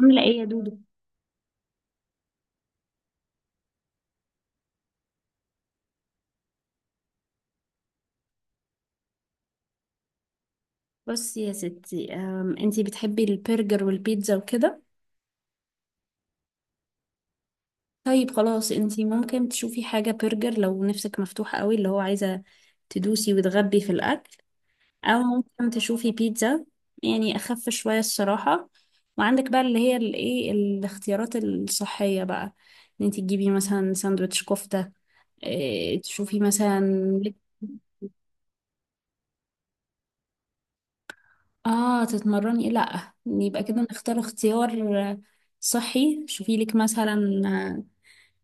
عاملة ايه يا دودو؟ بصي يا ستي انتي بتحبي البرجر والبيتزا وكده. طيب خلاص انتي ممكن تشوفي حاجة برجر لو نفسك مفتوحة قوي اللي هو عايزة تدوسي وتغبي في الأكل، أو ممكن تشوفي بيتزا، يعني أخف شوية الصراحة. وعندك بقى اللي هي الايه الاختيارات الصحية بقى، ان انتي تجيبي مثلا ساندوتش كفتة، إيه، تشوفي مثلا. اه تتمرني لا يبقى كده نختار اختيار صحي. شوفي لك مثلا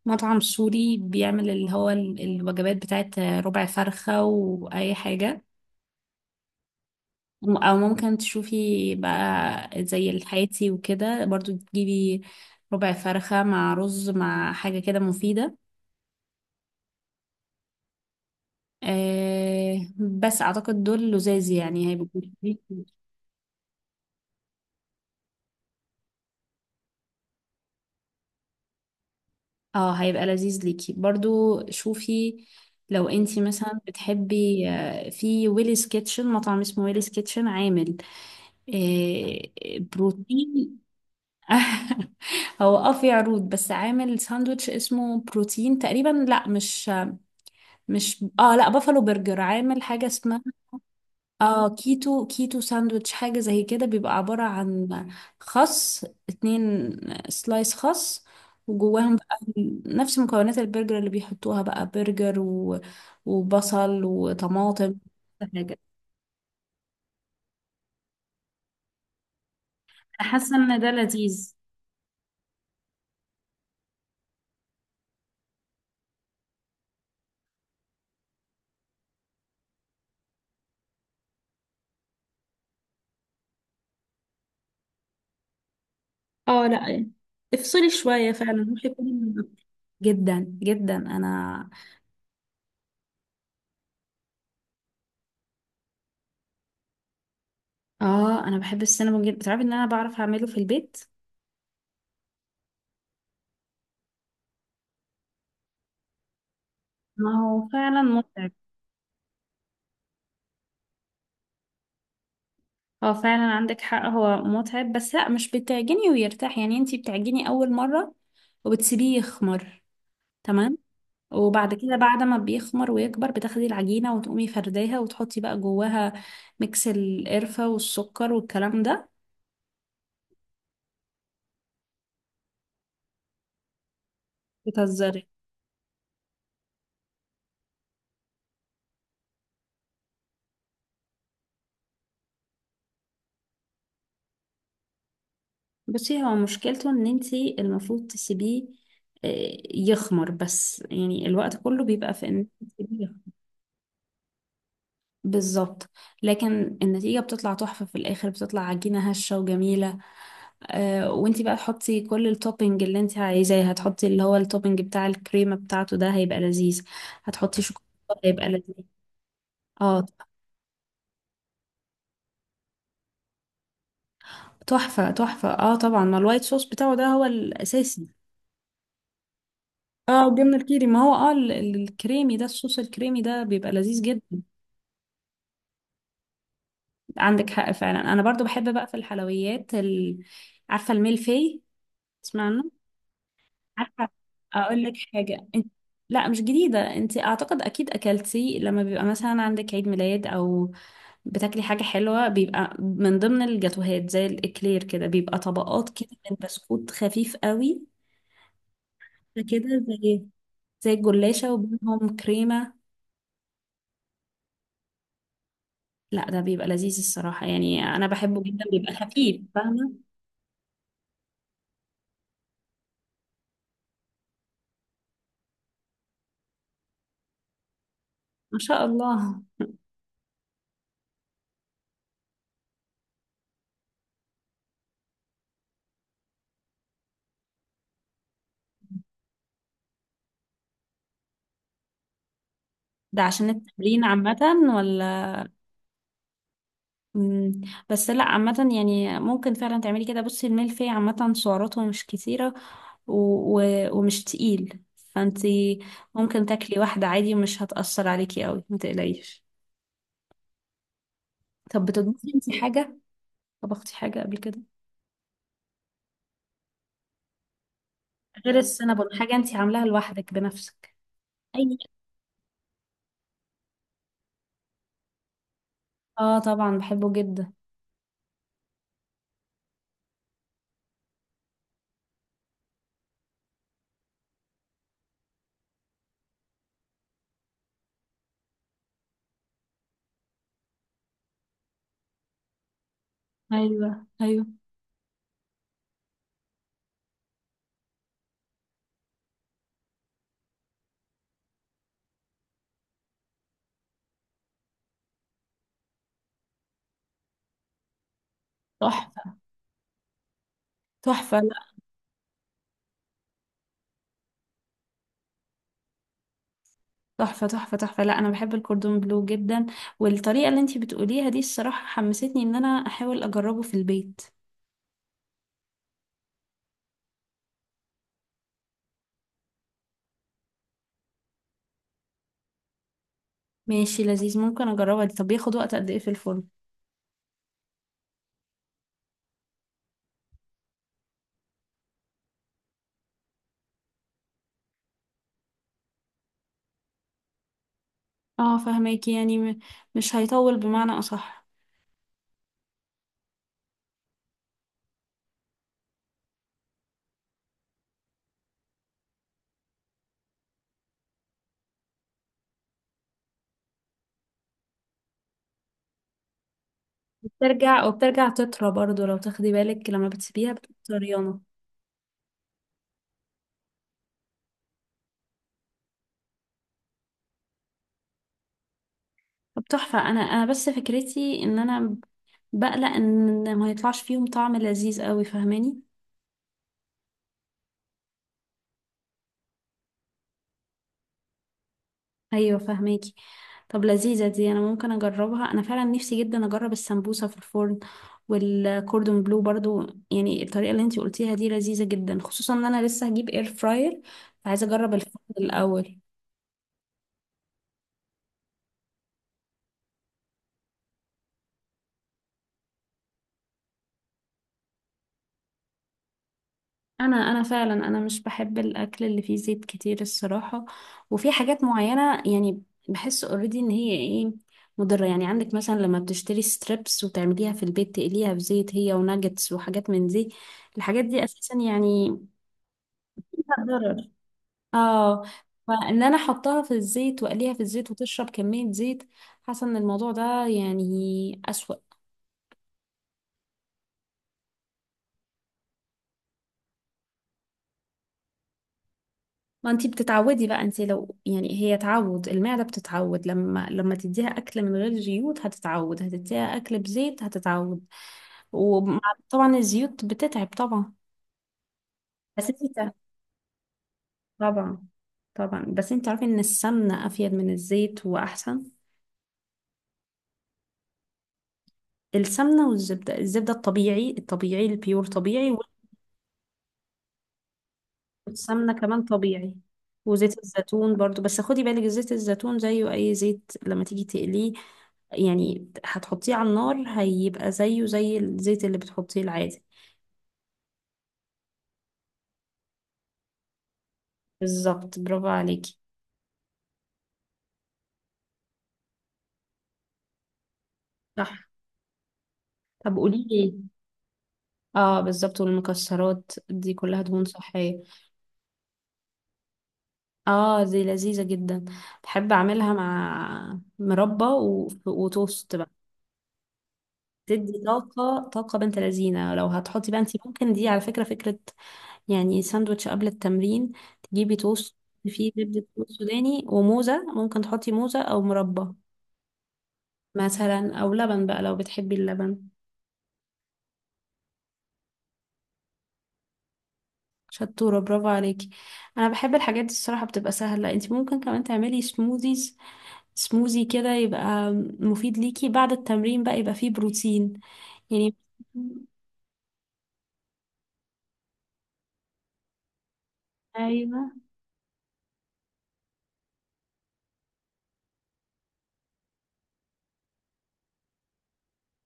مطعم سوري بيعمل اللي هو الوجبات بتاعت ربع فرخة وأي حاجة. أو ممكن تشوفي بقى زي الحياتي وكده برضو تجيبي ربع فرخة مع رز مع حاجة كده مفيدة. آه بس أعتقد دول لذاذ يعني هيبقوا، اه هيبقى لذيذ ليكي برضو. شوفي لو انتي مثلا بتحبي في ويليز كيتشن، مطعم اسمه ويليز كيتشن عامل آه، بروتين. هو اه في عروض، بس عامل ساندوتش اسمه بروتين تقريبا، لا مش مش اه لا بافالو برجر عامل حاجة اسمها اه كيتو ساندويتش، حاجة زي كده، بيبقى عبارة عن خس، 2 سلايس خس، وجواهم بقى نفس مكونات البرجر اللي بيحطوها بقى، برجر و... وبصل وطماطم، كل حاجة. أنا حاسة ان ده لذيذ. اه لا افصلي شوية فعلا، روحي كلي من بره. جدا جدا انا. اه انا بحب السينما جدا، تعرفي ان انا بعرف اعمله في البيت. ما هو فعلا متعب. هو فعلا عندك حق هو متعب، بس لا مش بتعجني ويرتاح، يعني انتي بتعجني اول مرة وبتسيبيه يخمر، تمام، وبعد كده بعد ما بيخمر ويكبر بتاخدي العجينة وتقومي فرداها وتحطي بقى جواها ميكس القرفة والسكر والكلام ده. بتهزري. بصي هو مشكلته ان انتي المفروض تسيبيه يخمر، بس يعني الوقت كله بيبقى في ان انتي تسيبيه يخمر. بالظبط. لكن النتيجة بتطلع تحفة في الآخر، بتطلع عجينة هشة وجميلة. آه وانتي بقى تحطي كل التوبينج اللي انتي عايزاه، هتحطي اللي هو التوبينج بتاع الكريمة بتاعته، ده هيبقى لذيذ، هتحطي شوكولاتة هيبقى لذيذ. اه. تحفة تحفة اه طبعا، ما الوايت صوص بتاعه ده هو الأساسي. اه وجبنة الكيري، ما هو اه الكريمي ده، الصوص الكريمي ده بيبقى لذيذ جدا. عندك حق فعلا. انا برضو بحب بقى في الحلويات عارفة الميلفي؟ تسمعنا؟ عارفة، اقول لك حاجة انت، لا مش جديدة، انت اعتقد اكيد اكلتي لما بيبقى مثلا عندك عيد ميلاد او بتاكلي حاجة حلوة، بيبقى من ضمن الجاتوهات زي الاكلير كده، بيبقى طبقات كده من بسكوت خفيف قوي، ده كده زي زي الجلاشة وبينهم كريمة. لا ده بيبقى لذيذ الصراحة، يعني انا بحبه جدا، بيبقى خفيف فاهمة. ما شاء الله. ده عشان التمرين عامة؟ ولا. مم. بس لا عامة يعني ممكن فعلا تعملي كده، بصي الملفي عامة سعراته مش كتيرة و... و... ومش تقيل، فانتي ممكن تاكلي واحدة عادي ومش هتأثر عليكي قوي، ما تقلقيش. طب بتطبخي انتي حاجة؟ طبختي حاجة قبل كده؟ غير السينابون حاجة انتي عاملاها لوحدك بنفسك؟ اي، اه طبعا بحبه جدا. ايوه ايوه، تحفة تحفة لا، تحفة تحفة تحفة لا انا بحب الكوردون بلو جدا، والطريقة اللي انتي بتقوليها دي الصراحة حمستني ان انا احاول اجربه في البيت. ماشي لذيذ، ممكن اجربها دي. طب بياخد وقت قد ايه في الفرن؟ اه فهماكي، يعني مش هيطول بمعنى اصح. بترجع وبترجع تطرى برضو لو تاخدي بالك، لما بتسيبيها بتبقى طريانه. طب تحفه، انا بس فكرتي ان انا بقلق ان ما يطلعش فيهم طعم لذيذ قوي، فاهماني. ايوه فهماكي. طب لذيذه دي، انا ممكن اجربها، انا فعلا نفسي جدا اجرب السمبوسه في الفرن والكوردون بلو برضو، يعني الطريقه اللي انتي قلتيها دي لذيذه جدا، خصوصا ان انا لسه هجيب اير فراير، فعايزه اجرب الفرن الاول. انا انا فعلا انا مش بحب الاكل اللي فيه زيت كتير الصراحه، وفي حاجات معينه يعني بحس اوريدي ان هي ايه مضره، يعني عندك مثلا لما بتشتري ستريبس وتعمليها في البيت تقليها في زيت، هي وناجتس وحاجات من دي، الحاجات دي اساسا يعني فيها ضرر، اه فان انا احطها في الزيت واقليها في الزيت وتشرب كمية زيت، حاسة ان الموضوع ده يعني اسوأ. ما انتي بتتعودي بقى، انتي لو يعني هي تعود المعدة بتتعود، لما تديها اكل من غير زيوت هتتعود، هتديها اكل بزيت هتتعود، وطبعا الزيوت بتتعب طبعا. بس طبعا طبعا. بس انتي عارفة ان السمنة افيد من الزيت واحسن. السمنة والزبدة، الزبدة الطبيعي الطبيعي البيور طبيعي. السمنة كمان طبيعي، وزيت الزيتون برضو، بس خدي بالك زيت الزيتون زيه أي زيت لما تيجي تقليه، يعني هتحطيه على النار هيبقى زيه زي الزيت اللي بتحطيه العادي. بالظبط برافو عليكي. صح. طب قولي لي. اه بالظبط، والمكسرات دي كلها دهون صحية. اه دي لذيذة جدا، بحب اعملها مع مربى وتوست بقى. تدي طاقة، طاقة بنت لذينة، لو هتحطي بقى انت ممكن دي على فكرة فكرة، يعني ساندوتش قبل التمرين، تجيبي توست فيه زبدة فول سوداني وموزة، ممكن تحطي موزة أو مربى مثلا، أو لبن بقى لو بتحبي اللبن. شطورة برافو عليكي. أنا بحب الحاجات دي الصراحة بتبقى سهلة، انتي ممكن كمان تعملي سموزيز، سموزي كده، يبقى مفيد ليكي بعد التمرين بقى، يبقى فيه بروتين يعني. أيوة.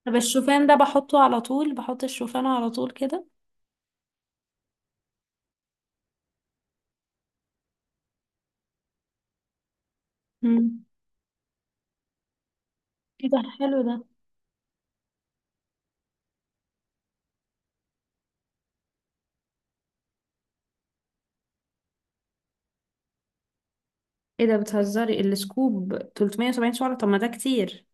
طب الشوفان ده بحطه على طول، بحط الشوفان على طول كده؟ مم. ايه ده حلو ده. ايه ده بتهزري؟ السكوب 370 سعرة؟ طب ما ده كتير.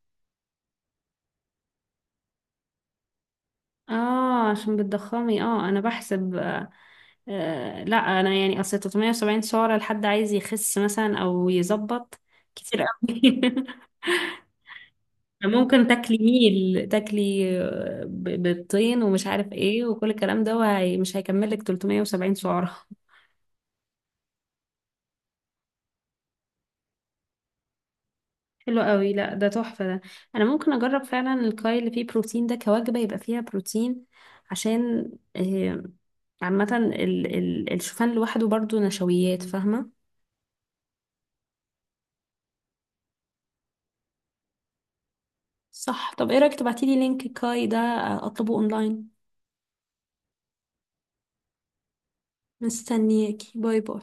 اه عشان بتضخمي، اه انا بحسب آه، لا انا يعني اصل 370 سعرة لحد عايز يخس مثلا او يظبط، كتير قوي. ممكن تاكلي ميل، تاكلي بيضتين ومش عارف ايه وكل الكلام ده، وهي مش هيكملك 370 سعرة. حلو قوي لا ده تحفة ده، انا ممكن اجرب فعلا الكاي اللي فيه بروتين ده كوجبة، يبقى فيها بروتين عشان آه، عامة ال الشوفان لوحده برضو نشويات فاهمة. صح. طب ايه رأيك تبعتيلي لينك كاي ده اطلبه اونلاين. مستنياكي، باي باي.